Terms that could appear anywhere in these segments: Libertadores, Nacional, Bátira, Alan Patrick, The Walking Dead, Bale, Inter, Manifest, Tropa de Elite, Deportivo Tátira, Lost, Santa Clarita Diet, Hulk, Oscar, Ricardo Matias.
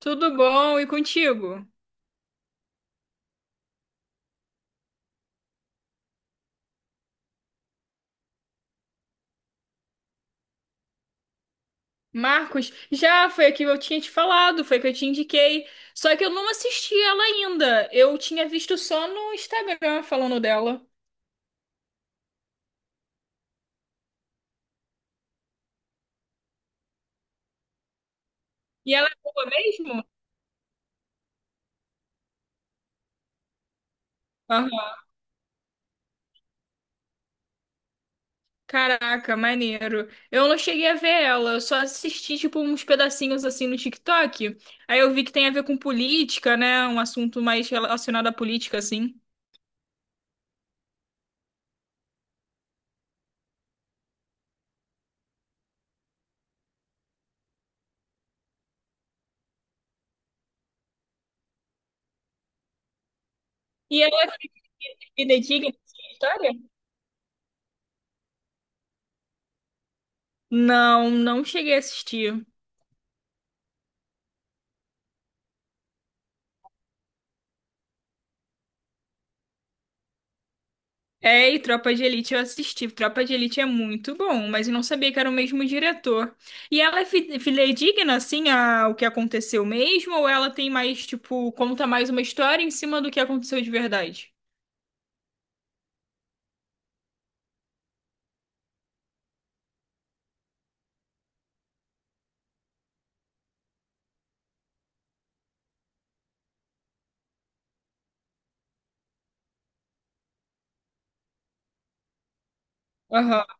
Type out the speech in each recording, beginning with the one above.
Tudo bom? E contigo? Marcos, já foi a que eu tinha te falado, foi a que eu te indiquei. Só que eu não assisti ela ainda. Eu tinha visto só no Instagram falando dela. E ela é boa mesmo? Aham. Caraca, maneiro. Eu não cheguei a ver ela, eu só assisti tipo uns pedacinhos assim no TikTok. Aí eu vi que tem a ver com política, né? Um assunto mais relacionado à política, assim. E ela é fidedigna essa história? Não, não cheguei a assistir. É, e Tropa de Elite eu assisti. Tropa de Elite é muito bom, mas eu não sabia que era o mesmo diretor. E ela é fidedigna, assim, ao que aconteceu mesmo, ou ela tem mais, tipo, conta mais uma história em cima do que aconteceu de verdade? Aham.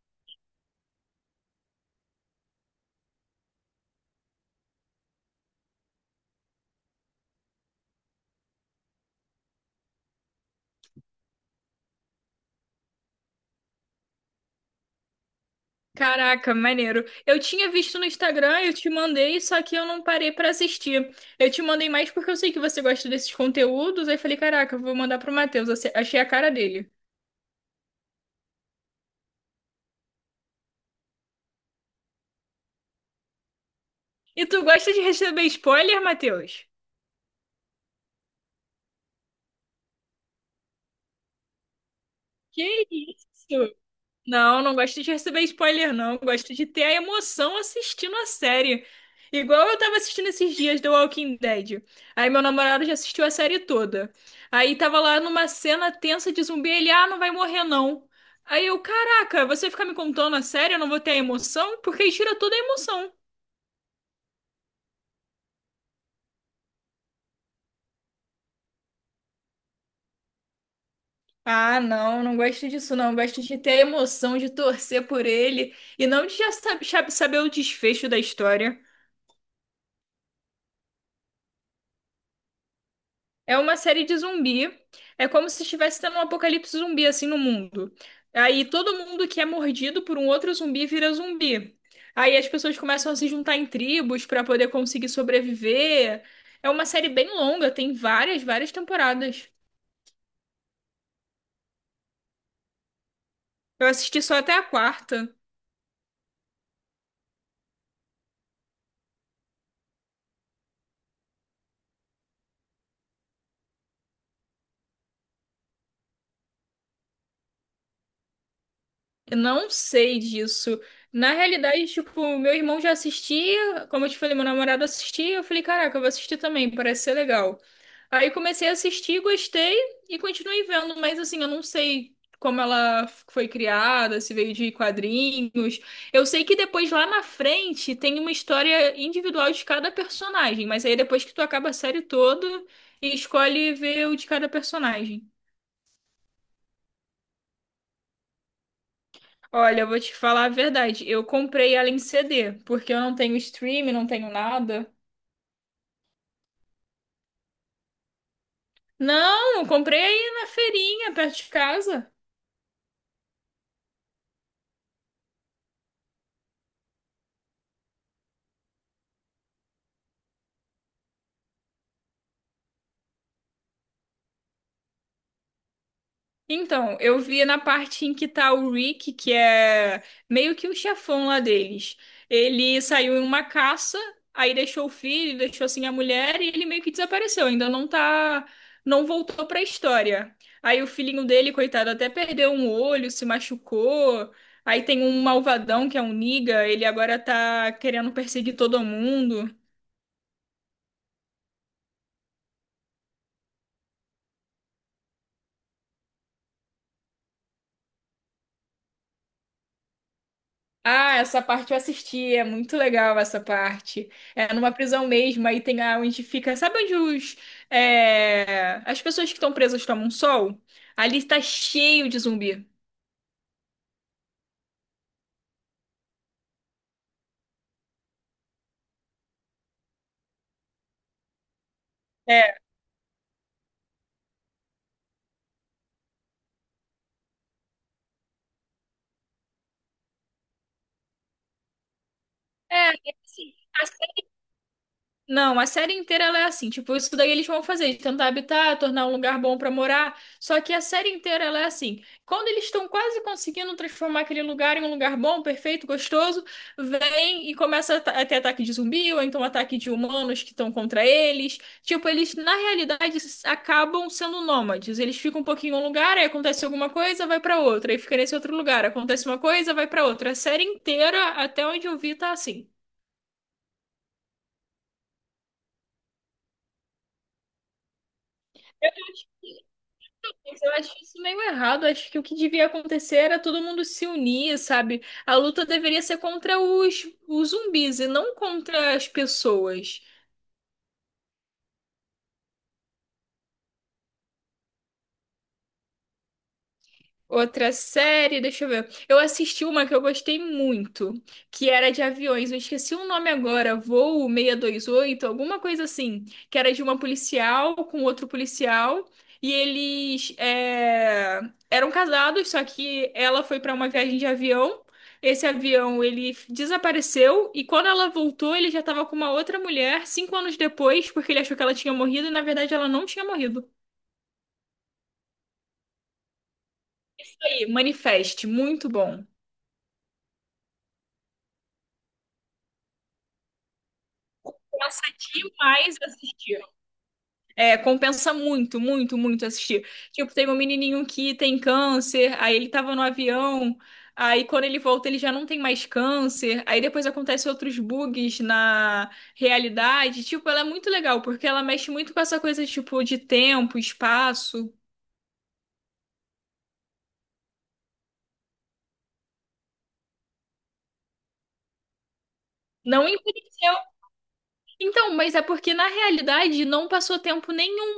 Caraca, maneiro. Eu tinha visto no Instagram, eu te mandei, só que eu não parei pra assistir. Eu te mandei mais porque eu sei que você gosta desses conteúdos, aí falei, caraca, eu vou mandar pro Matheus, achei a cara dele. E tu gosta de receber spoiler, Matheus? Que isso? Não, não gosto de receber spoiler, não. Gosto de ter a emoção assistindo a série. Igual eu tava assistindo esses dias The Walking Dead. Aí meu namorado já assistiu a série toda. Aí tava lá numa cena tensa de zumbi, ele, ah, não vai morrer não. Aí eu, caraca, você fica me contando a série, eu não vou ter a emoção? Porque aí tira toda a emoção. Ah, não, não gosto disso, não. Gosto de ter a emoção de torcer por ele e não de já saber o desfecho da história. É uma série de zumbi. É como se estivesse tendo um apocalipse zumbi assim no mundo. Aí todo mundo que é mordido por um outro zumbi vira zumbi. Aí as pessoas começam a se juntar em tribos para poder conseguir sobreviver. É uma série bem longa, tem várias, várias temporadas. Eu assisti só até a quarta. Eu não sei disso. Na realidade, tipo, meu irmão já assistia, como eu te falei, meu namorado assistia, eu falei, caraca, eu vou assistir também, parece ser legal. Aí comecei a assistir, gostei e continuei vendo, mas assim, eu não sei como ela foi criada, se veio de quadrinhos. Eu sei que depois lá na frente tem uma história individual de cada personagem, mas aí depois que tu acaba a série toda, escolhe ver o de cada personagem. Olha, eu vou te falar a verdade. Eu comprei ela em CD, porque eu não tenho stream, não tenho nada. Não, eu comprei aí na feirinha, perto de casa. Então, eu vi na parte em que tá o Rick, que é meio que o chefão lá deles. Ele saiu em uma caça, aí deixou o filho, deixou assim a mulher e ele meio que desapareceu. Ainda não tá, não voltou pra história. Aí o filhinho dele, coitado, até perdeu um olho, se machucou. Aí tem um malvadão que é um Niga, ele agora tá querendo perseguir todo mundo. Ah, essa parte eu assisti, é muito legal essa parte. É numa prisão mesmo, aí tem a onde fica. Sabe onde os, é, as pessoas que estão presas tomam sol? Ali está cheio de zumbi. É. É, assim, não, a série inteira ela é assim, tipo, isso daí eles vão fazer, tentar habitar, tornar um lugar bom pra morar. Só que a série inteira ela é assim. Quando eles estão quase conseguindo transformar aquele lugar em um lugar bom, perfeito, gostoso, vem e começa a a ter ataque de zumbi ou então ataque de humanos que estão contra eles. Tipo, eles na realidade acabam sendo nômades. Eles ficam um pouquinho em um lugar, aí acontece alguma coisa, vai pra outra, aí fica nesse outro lugar, acontece uma coisa, vai pra outra. A série inteira, até onde eu vi, tá assim. Mas eu acho isso meio errado. Acho que o que devia acontecer era todo mundo se unir, sabe? A luta deveria ser contra os zumbis e não contra as pessoas. Outra série, deixa eu ver. Eu assisti uma que eu gostei muito, que era de aviões. Eu esqueci o nome agora, Voo seiscentos e vinte e oito alguma coisa assim, que era de uma policial com outro policial e eles é, eram casados, só que ela foi para uma viagem de avião. Esse avião ele desapareceu e quando ela voltou, ele já estava com uma outra mulher 5 anos depois, porque ele achou que ela tinha morrido e na verdade ela não tinha morrido. Aí, Manifest, muito bom. Compensa demais assistir. É, compensa muito, muito, muito assistir. Tipo, tem um menininho que tem câncer, aí ele tava no avião, aí quando ele volta ele já não tem mais câncer, aí depois acontecem outros bugs na realidade. Tipo, ela é muito legal, porque ela mexe muito com essa coisa, tipo, de tempo, espaço. Não envelheceu. Então, mas é porque na realidade não passou tempo nenhum.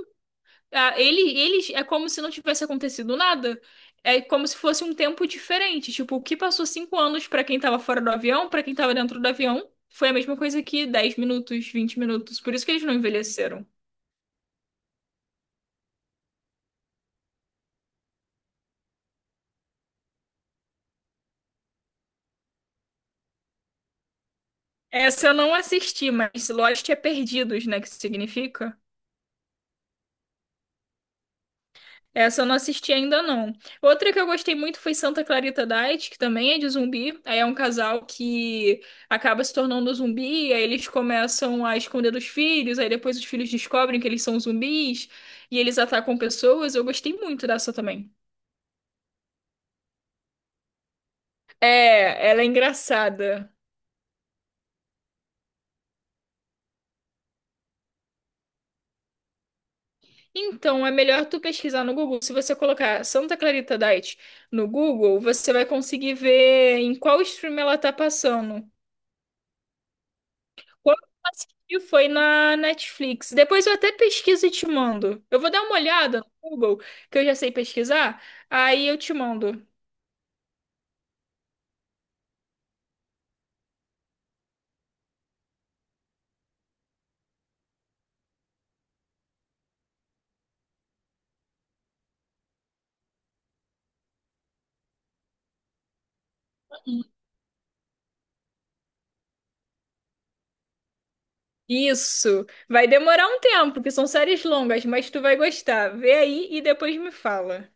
Ah, ele é como se não tivesse acontecido nada. É como se fosse um tempo diferente. Tipo, o que passou 5 anos pra quem tava fora do avião, pra quem tava dentro do avião, foi a mesma coisa que 10 minutos, 20 minutos. Por isso que eles não envelheceram. Essa eu não assisti, mas Lost é perdidos, né? Que significa? Essa eu não assisti ainda não. Outra que eu gostei muito foi Santa Clarita Diet, que também é de zumbi. Aí é um casal que acaba se tornando zumbi, aí eles começam a esconder dos filhos, aí depois os filhos descobrem que eles são zumbis e eles atacam pessoas. Eu gostei muito dessa também. É, ela é engraçada. Então, é melhor tu pesquisar no Google. Se você colocar Santa Clarita Diet no Google, você vai conseguir ver em qual stream ela tá passando. Quando eu assisti foi na Netflix. Depois eu até pesquiso e te mando. Eu vou dar uma olhada no Google, que eu já sei pesquisar, aí eu te mando. Isso. Vai demorar um tempo, porque são séries longas, mas tu vai gostar. Vê aí e depois me fala.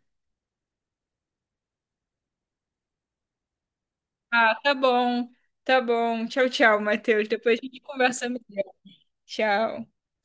Ah, tá bom. Tá bom. Tchau, tchau, Matheus. Depois a gente conversa melhor. Tchau.